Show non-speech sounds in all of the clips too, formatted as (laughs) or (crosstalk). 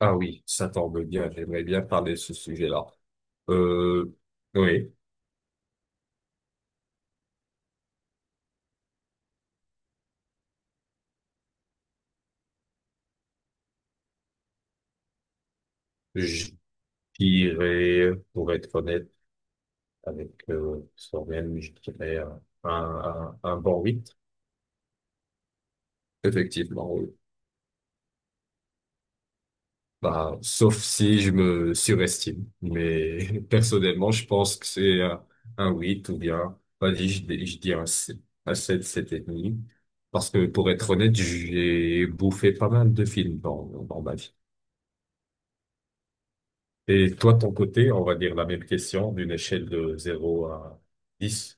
Ah oui, ça tombe bien, j'aimerais bien parler de ce sujet-là. Euh, oui, je dirais, pour être honnête avec Soren. Je dirais un bon 8. Effectivement, oui. Bah, sauf si je me surestime. Mais (laughs) personnellement, je pense que c'est un 8 ou bien, vas-y, je dis un 7, sept et demi. Parce que pour être honnête, j'ai bouffé pas mal de films dans ma vie. Et toi, de ton côté, on va dire, la même question, d'une échelle de zéro à dix.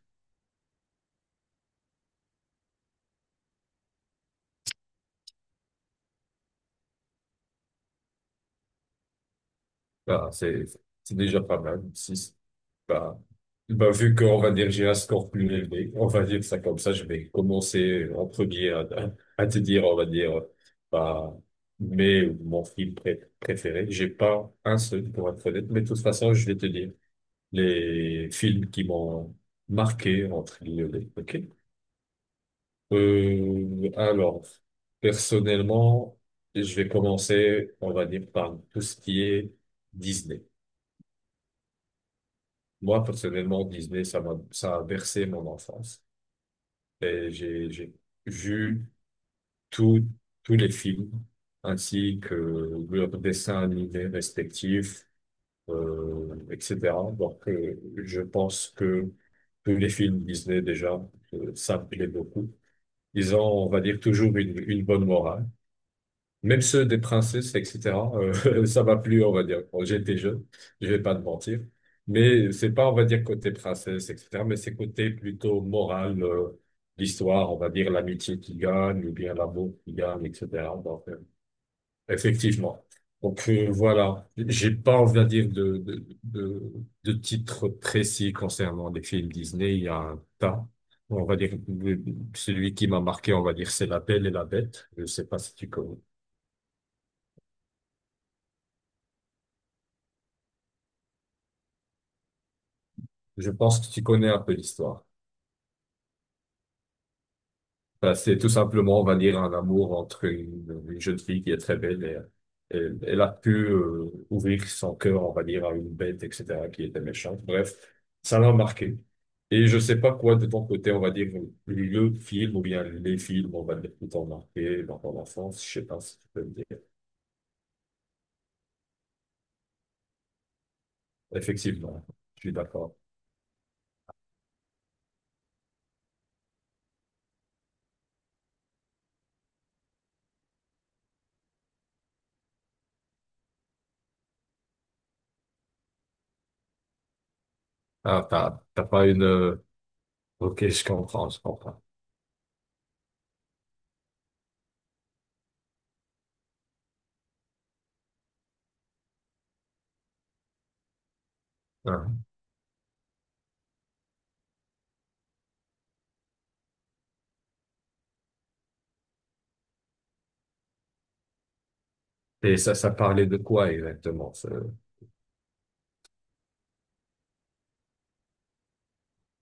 Bah, c'est déjà pas mal, six. Bah, bah, vu qu'on va dire j'ai un score plus élevé, on va dire ça comme ça, je vais commencer en premier à te dire, on va dire, bah, mais mon film préféré, j'ai pas un seul pour être honnête, mais de toute façon, je vais te dire les films qui m'ont marqué entre guillemets. Ok. Alors, personnellement, je vais commencer, on va dire, par tout ce qui est Disney. Moi, personnellement, Disney, ça a bercé mon enfance. Et j'ai vu tous tous les films, ainsi que leurs dessins animés respectifs, etc. Donc, je pense que tous les films Disney, déjà, ça me plaît beaucoup. Ils ont, on va dire, toujours une bonne morale. Même ceux des princesses, etc., (laughs) ça m'a plu, on va dire. Quand j'étais jeune, je vais pas te mentir. Mais c'est pas, on va dire, côté princesse, etc., mais c'est côté plutôt moral, l'histoire, on va dire, l'amitié qui gagne, ou bien l'amour qui gagne, etc. Donc, effectivement. Donc, voilà. J'ai pas, on va dire, de titre précis concernant les films Disney. Il y a un tas. On va dire, celui qui m'a marqué, on va dire, c'est La Belle et la Bête. Je sais pas si tu connais. Je pense que tu connais un peu l'histoire. Enfin, c'est tout simplement, on va dire, un amour entre une jeune fille qui est très belle. Et elle a pu ouvrir son cœur, on va dire, à une bête, etc., qui était méchante. Bref, ça l'a marqué. Et je sais pas quoi de ton côté, on va dire, le film ou bien les films, on va dire, qui t'ont marqué dans ton enfance. Je sais pas si tu peux me dire. Effectivement, je suis d'accord. Ah, t'as pas une... Ok, je comprends, je comprends. Hein. Et ça parlait de quoi exactement? Ce...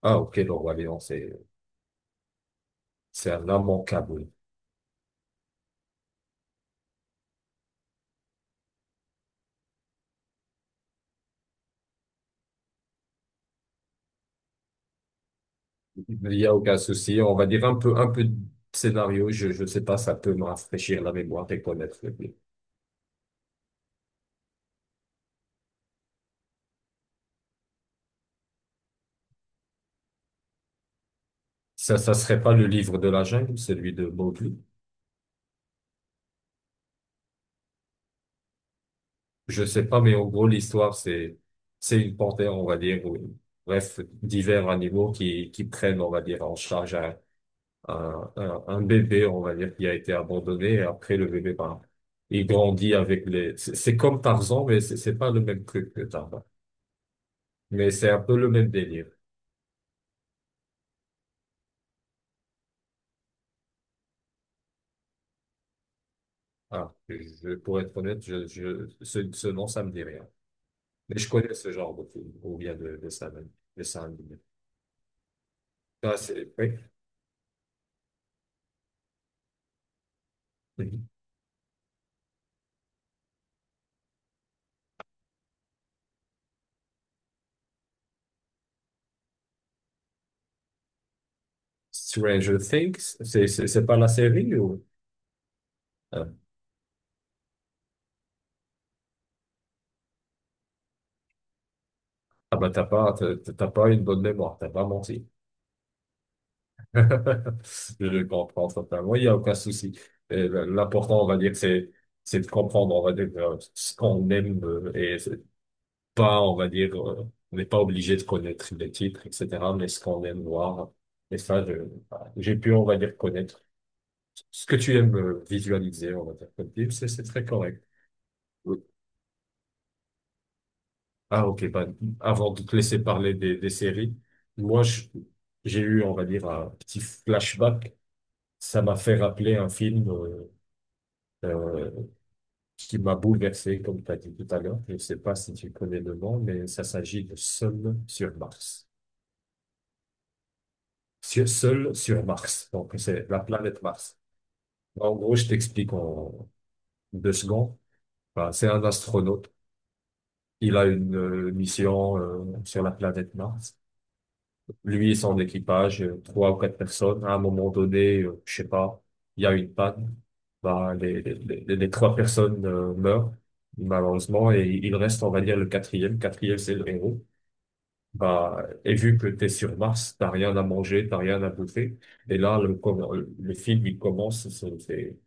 Ah, ok, le Roi Lion, c'est un immanquable. Il y a aucun souci. On va dire un peu de scénario. Je sais pas, ça peut me rafraîchir la mémoire et connaître le livre. Ça serait pas le livre de la jungle, celui de Mowgli. Je sais pas, mais en gros, l'histoire, c'est une panthère, on va dire, ou, bref, divers animaux qui prennent, on va dire, en charge un bébé, on va dire, qui a été abandonné. Et après, le bébé, ben, il grandit avec les, c'est comme Tarzan, mais c'est pas le même truc que Tarzan. Mais c'est un peu le même délire. Ah, pour être honnête, ce nom, ça me dit rien. Mais je connais ce genre de film, ou bien de ça même, de ça même. Ah, c'est, oui. Mhm. Stranger Things, c'est pas la série ou? Ah. Ah bah, t'as pas une bonne mémoire, t'as pas menti. (laughs) Je le comprends totalement, il n'y a aucun souci. L'important, on va dire, c'est de comprendre, on va dire, ce qu'on aime et pas, on va dire, on n'est pas obligé de connaître les titres, etc., mais ce qu'on aime voir. Et ça, voilà, j'ai pu, on va dire, connaître ce que tu aimes visualiser, on va dire, comme film, c'est très correct. Oui. Ah, ok, bah, avant de te laisser parler des séries, moi, j'ai eu, on va dire, un petit flashback. Ça m'a fait rappeler un film euh, qui m'a bouleversé, comme tu as dit tout à l'heure. Je ne sais pas si tu connais le nom, mais ça s'agit de Seul sur Mars. Seul sur Mars. Donc, c'est la planète Mars. Bah, en gros, je t'explique en deux secondes. Enfin, c'est un astronaute. Il a une mission sur la planète Mars. Lui et son équipage, trois ou quatre personnes. À un moment donné, je sais pas, il y a une panne. Bah, les trois personnes meurent, malheureusement, et il reste, on va dire, le quatrième. Quatrième, c'est le héros. Bah, et vu que t'es sur Mars, t'as rien à manger, t'as rien à bouffer. Et là, le film, il commence, c'est-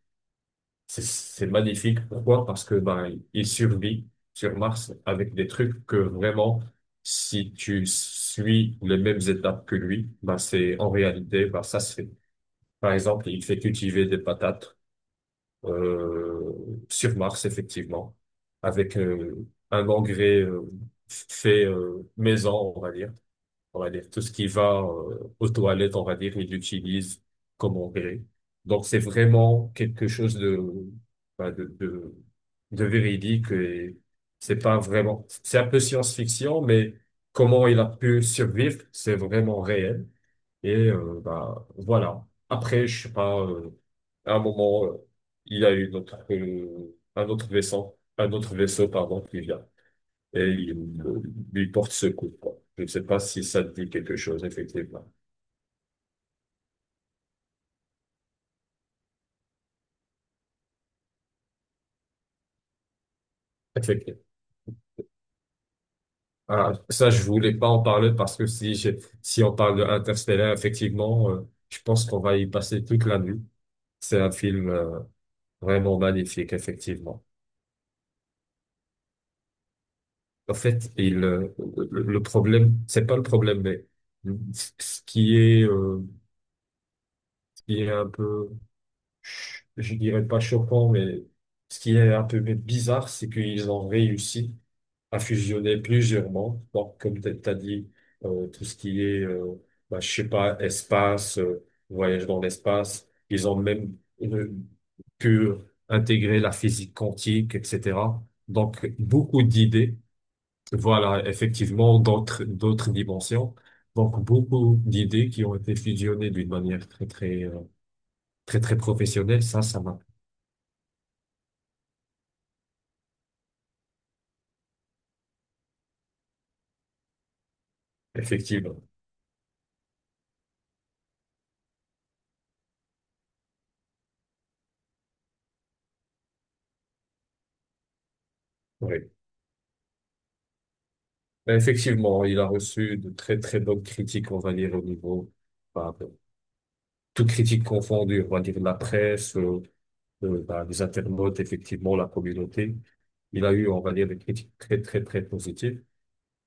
c'est- c'est magnifique. Pourquoi? Parce que bah, il survit sur Mars avec des trucs que vraiment, si tu suis les mêmes étapes que lui, bah, c'est en réalité, bah, ça se fait. Par exemple, il fait cultiver des patates euh, sur Mars, effectivement, avec un engrais fait maison, on va dire, tout ce qui va aux toilettes, on va dire, ils l'utilisent comme engrais. Donc, c'est vraiment quelque chose de, bah, de véridique. Et c'est pas vraiment, c'est un peu science-fiction, mais comment il a pu survivre, c'est vraiment réel. Et bah, voilà. Après, je sais pas, à un moment, il y a eu notre, un autre vaisseau, pardon, qui vient et il porte secours, quoi. Je ne sais pas si ça te dit quelque chose, effectivement. Effectivement. Ah, ça, je voulais pas en parler parce que si on parle de Interstellar, effectivement, je pense qu'on va y passer toute la nuit. C'est un film, vraiment magnifique, effectivement. En fait, le problème, c'est pas le problème, mais ce qui est, euh, ce qui est un peu je dirais pas choquant, mais ce qui est un peu bizarre, c'est qu'ils ont réussi à fusionner plusieurs mondes. Donc, comme tu as dit, tout ce qui est, bah, je sais pas, espace, voyage dans l'espace, ils ont même euh, pu intégrer la physique quantique, etc. Donc, beaucoup d'idées, voilà, effectivement, d'autres dimensions. Donc, beaucoup d'idées qui ont été fusionnées d'une manière très professionnelle. Ça m'a effectivement, oui. Ben, effectivement, il a reçu de très très bonnes critiques, on va dire, au niveau, bah, toutes critiques confondues, on va dire la presse, bah, les internautes, effectivement, la communauté. Il a eu, on va dire, des critiques très très très positives.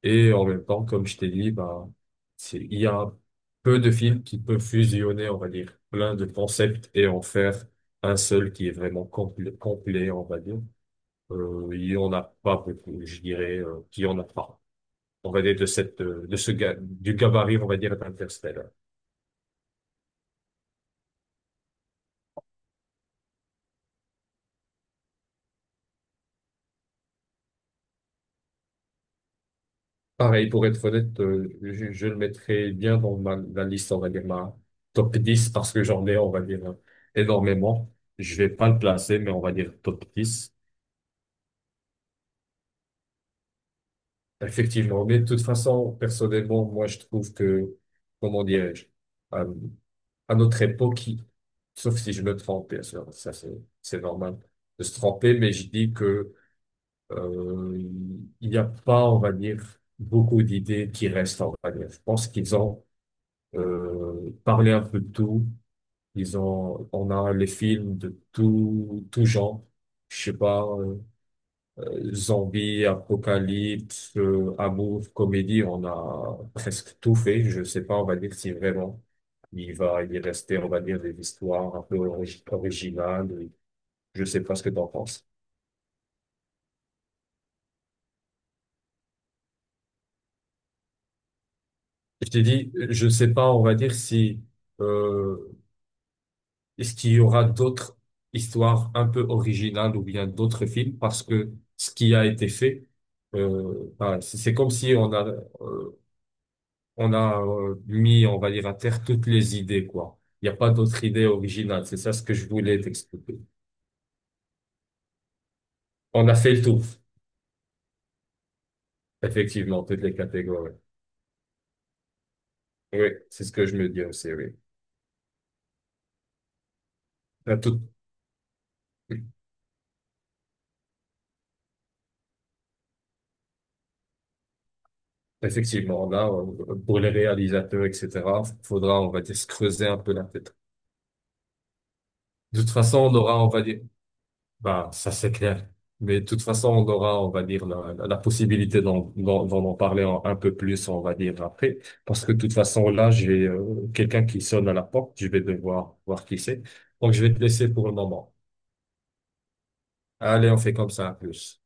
Et en même temps, comme je t'ai dit, bah, il y a peu de films qui peuvent fusionner, on va dire, plein de concepts et en faire un seul qui est vraiment complet, complet, on va dire. Il y en a pas beaucoup, je dirais, qu'il y en a pas. On va dire, de cette, du gabarit, on va dire, d'Interstellar. Pareil, pour être honnête, je le mettrais bien dans la liste, on va dire, ma top 10 parce que j'en ai, on va dire, énormément. Je vais pas le placer, mais on va dire top dix. Effectivement. Mais de toute façon, personnellement, moi, je trouve que, comment dirais-je, euh, à notre époque, sauf si je me trompe, bien sûr, c'est normal de se tromper, mais je dis que, Euh, il n'y a pas, on va dire, beaucoup d'idées qui restent, on va dire. Je pense qu'ils ont parlé un peu de tout. On a les films de tout, tout genre. Je sais pas, zombie, apocalypse, amour, comédie, on a presque tout fait. Je sais pas, on va dire, si vraiment il va y rester, on va dire, des histoires un peu originales. Je sais pas ce que t'en penses. Je t'ai dit, je sais pas, on va dire si euh, est-ce qu'il y aura d'autres histoires un peu originales ou bien d'autres films? Parce que ce qui a été fait, ben, c'est comme si on a, euh, on a mis, on va dire, à terre toutes les idées, quoi. Il n'y a pas d'autres idées originales. C'est ça ce que je voulais t'expliquer. On a fait le tour, effectivement, toutes les catégories. Oui, c'est ce que je me dis aussi, oui. Ben, tout- Effectivement, là, pour les réalisateurs, etc., faudra, on va dire, se creuser un peu la tête. De toute façon, on aura, on va dire, bah, ça c'est clair. Mais de toute façon, on aura, on va dire, la possibilité d'en d'en d'en en parler un peu plus, on va dire, après. Parce que de toute façon, là, j'ai quelqu'un qui sonne à la porte. Je vais devoir voir qui c'est. Donc, je vais te laisser pour le moment. Allez, on fait comme ça, à plus.